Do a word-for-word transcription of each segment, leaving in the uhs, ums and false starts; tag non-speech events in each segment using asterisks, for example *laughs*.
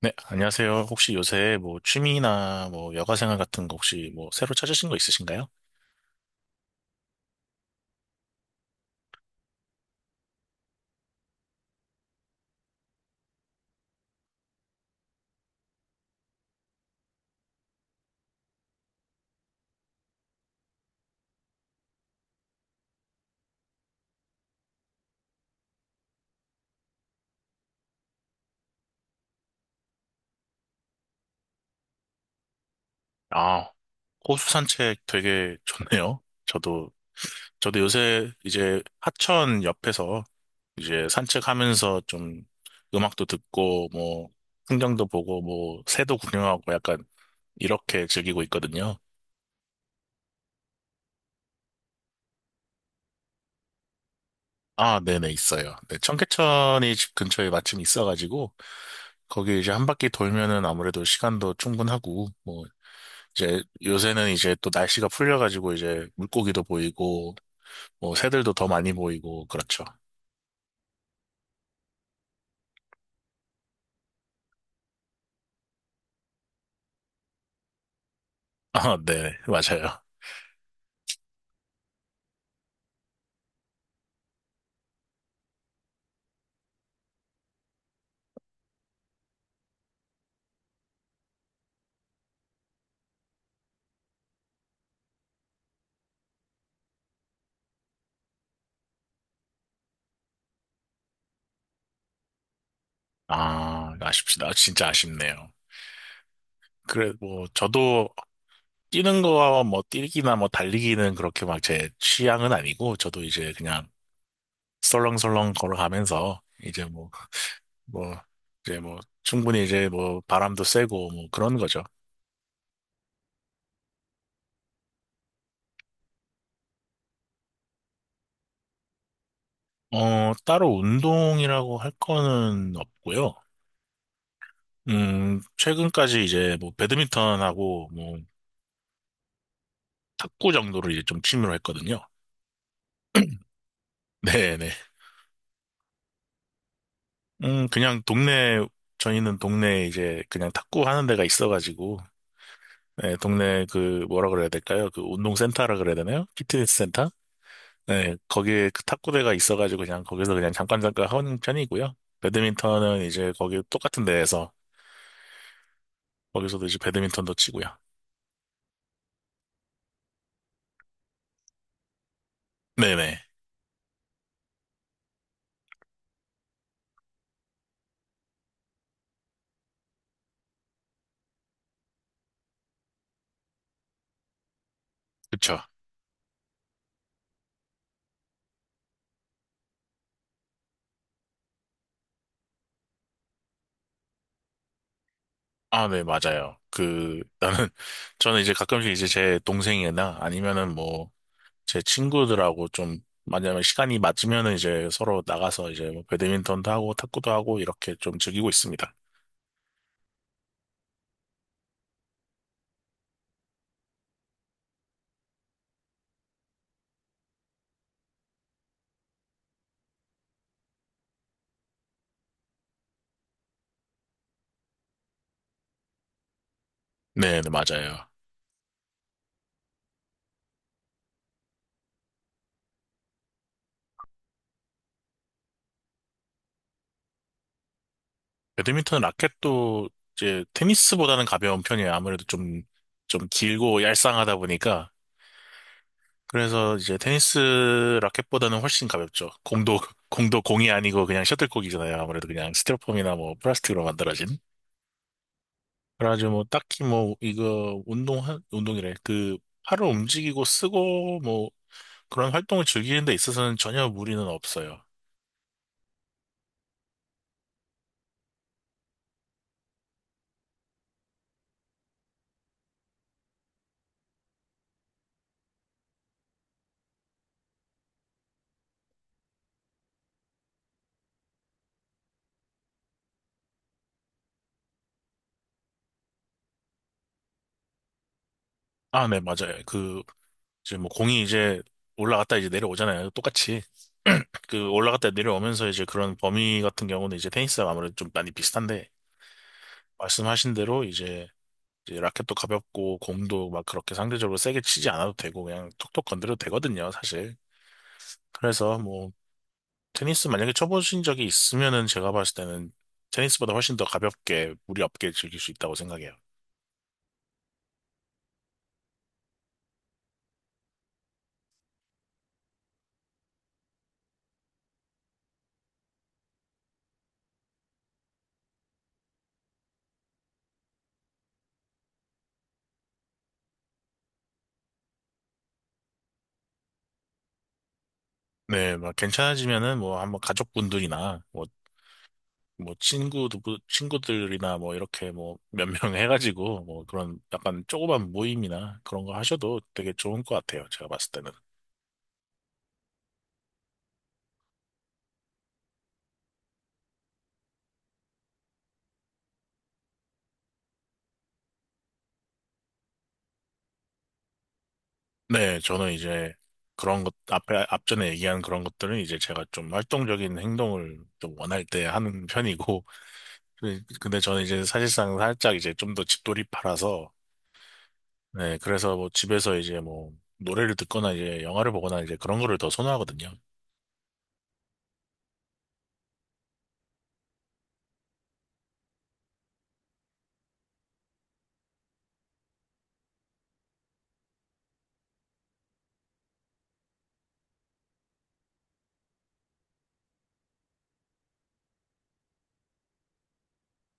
네, 안녕하세요. 혹시 요새 뭐 취미나 뭐 여가 생활 같은 거 혹시 뭐 새로 찾으신 거 있으신가요? 아, 호수 산책 되게 좋네요. 저도 저도 요새 이제 하천 옆에서 이제 산책하면서 좀 음악도 듣고 뭐 풍경도 보고 뭐 새도 구경하고 약간 이렇게 즐기고 있거든요. 아, 네네, 있어요. 네, 청계천이 집 근처에 마침 있어가지고 거기 이제 한 바퀴 돌면은 아무래도 시간도 충분하고 뭐 이제 요새는 이제 또 날씨가 풀려가지고 이제 물고기도 보이고 뭐 새들도 더 많이 보이고 그렇죠. *laughs* 아, 네, 맞아요. 아, 아쉽시다. 진짜 아쉽네요. 그래, 뭐, 저도 뛰는 거와 뭐, 뛰기나 뭐, 달리기는 그렇게 막 제 취향은 아니고, 저도 이제 그냥 설렁설렁 걸어가면서, 이제 뭐, 뭐, 이제 뭐, 충분히 이제 뭐, 바람도 쐬고, 뭐, 그런 거죠. 어, 따로 운동이라고 할 거는 없고요. 음, 최근까지 이제 뭐, 배드민턴하고 뭐, 탁구 정도를 이제 좀 취미로 했거든요. *laughs* 네네. 음, 그냥 동네, 저희는 동네에 이제 그냥 탁구 하는 데가 있어가지고, 네, 동네 그 뭐라 그래야 될까요? 그 운동센터라 그래야 되나요? 피트니스 센터? 네, 거기에 그 탁구대가 있어가지고 그냥 거기서 그냥 잠깐 잠깐 하는 편이고요. 배드민턴은 이제 거기 똑같은 데에서 거기서도 이제 배드민턴도 치고요. 네네, 그쵸. 아, 네, 맞아요. 그 나는 *laughs* 저는 이제 가끔씩 이제 제 동생이나 아니면은 뭐 제 친구들하고 좀 만약에 시간이 맞으면은 이제 서로 나가서 이제 뭐 배드민턴도 하고 탁구도 하고 이렇게 좀 즐기고 있습니다. 네, 네, 맞아요. 배드민턴 라켓도 이제 테니스보다는 가벼운 편이에요. 아무래도 좀, 좀 길고 얄쌍하다 보니까. 그래서 이제 테니스 라켓보다는 훨씬 가볍죠. 공도, *laughs* 공도 공이 아니고 그냥 셔틀콕이잖아요. 아무래도 그냥 스티로폼이나 뭐 플라스틱으로 만들어진. 그래가지고 뭐 딱히 뭐 이거 운동, 운동이래. 그 팔을 움직이고 쓰고 뭐 그런 활동을 즐기는 데 있어서는 전혀 무리는 없어요. 아, 네, 맞아요. 그, 이제 뭐 공이 이제 올라갔다 이제 내려오잖아요. 똑같이. 그 올라갔다 내려오면서 이제 그런 범위 같은 경우는 이제 테니스랑 아무래도 좀 많이 비슷한데, 말씀하신 대로 이제, 이제 라켓도 가볍고 공도 막 그렇게 상대적으로 세게 치지 않아도 되고 그냥 톡톡 건드려도 되거든요, 사실. 그래서 뭐 테니스 만약에 쳐보신 적이 있으면은 제가 봤을 때는 테니스보다 훨씬 더 가볍게 무리 없게 즐길 수 있다고 생각해요. 네, 막 괜찮아지면은 뭐 한번 가족분들이나 뭐, 뭐 친구들, 친구들이나 뭐 이렇게 뭐 몇 명 *laughs* 해가지고 뭐 그런 약간 조그만 모임이나 그런 거 하셔도 되게 좋은 것 같아요. 제가 봤을 때는. 네, 저는 이제 그런 것, 앞에, 앞전에 얘기한 그런 것들은 이제 제가 좀 활동적인 행동을 좀 원할 때 하는 편이고, *laughs* 근데 근데 저는 이제 사실상 살짝 이제 좀 더 집돌이파라서, 네, 그래서 뭐 집에서 이제 뭐 노래를 듣거나 이제 영화를 보거나 이제 그런 거를 더 선호하거든요.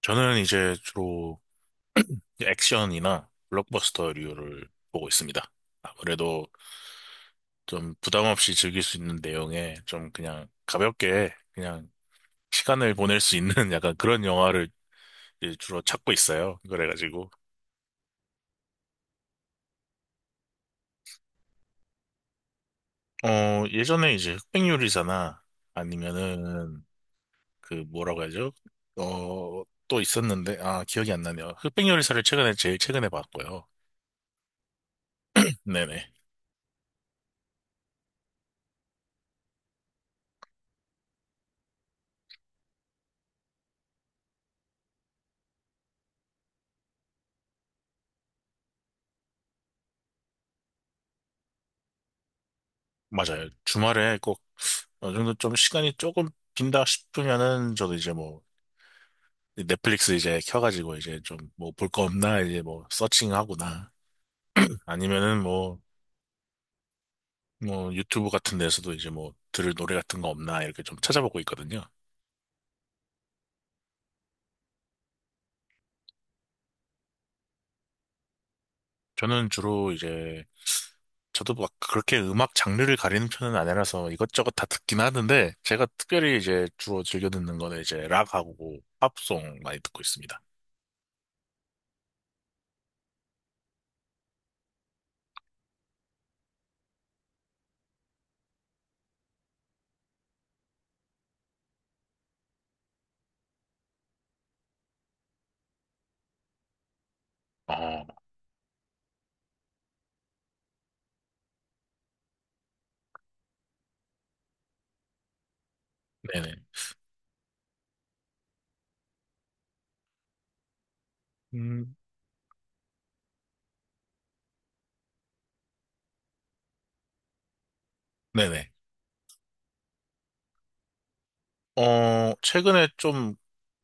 저는 이제 주로 액션이나 블록버스터류를 보고 있습니다. 아무래도 좀 부담 없이 즐길 수 있는 내용에 좀 그냥 가볍게 그냥 시간을 보낼 수 있는 *laughs* 약간 그런 영화를 이제 주로 찾고 있어요. 그래가지고 어 예전에 이제 흑백요리사나 아니면은 그 뭐라고 하죠? 어 또 있었는데 아 기억이 안 나네요. 흑백요리사를 최근에 제일 최근에 봤고요. *laughs* 네네 맞아요. 주말에 꼭 어느 정도 좀 시간이 조금 빈다 싶으면은 저도 이제 뭐 넷플릭스 이제 켜가지고 이제 좀 뭐 볼 거 없나 이제 뭐 서칭하거나 아니면은 뭐 뭐 유튜브 같은 데서도 이제 뭐 들을 노래 같은 거 없나 이렇게 좀 찾아보고 있거든요. 저는 주로 이제 저도 막 그렇게 음악 장르를 가리는 편은 아니라서 이것저것 다 듣긴 하는데 제가 특별히 이제 주로 즐겨 듣는 거는 이제 락하고 팝송 많이 듣고 있습니다. 어, 네네. 음, 네네. 어, 최근에 좀,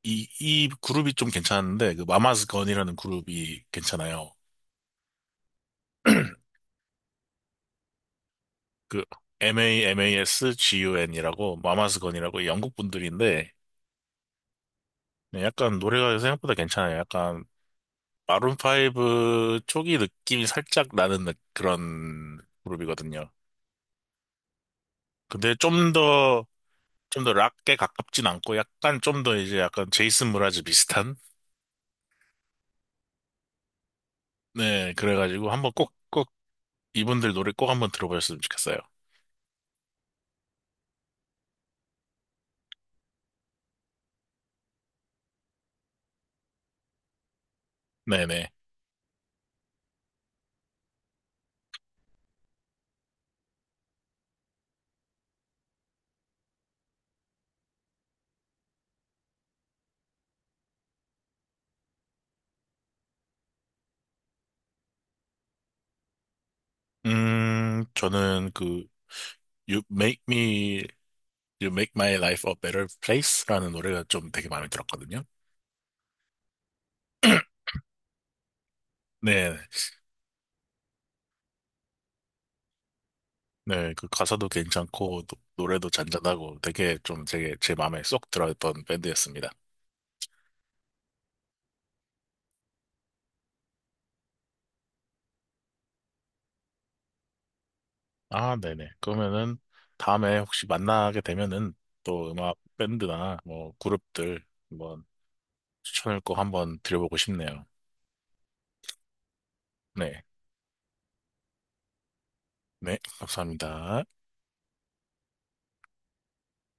이, 이 그룹이 좀 괜찮은데, 그, 마마스건이라는 그룹이 괜찮아요. 그, MAMASGUN이라고, 마마스건이라고 영국 분들인데, 네, 약간 노래가 생각보다 괜찮아요. 약간, 마룬브 초기 느낌이 살짝 나는 느- 그런 그룹이거든요. 근데 좀 더, 좀 더 락에 가깝진 않고, 약간 좀 더 이제 약간 제이슨 무라즈 비슷한? 네, 그래가지고 한번 꼭, 꼭, 이분들 노래 꼭 한번 들어보셨으면 좋겠어요. 네네. 음, 저는 그 You Make Me, You Make My Life a Better Place라는 노래가 좀 되게 마음에 들었거든요. 네, 네, 그 가사도 괜찮고 노, 노래도 잔잔하고 되게 좀 되게 제 마음에 쏙 들어있던 밴드였습니다. 아, 네네. 그러면은 다음에 혹시 만나게 되면은 또 음악 밴드나 뭐 그룹들 한번 추천을 꼭 한번 드려보고 싶네요. 네. 네, 감사합니다.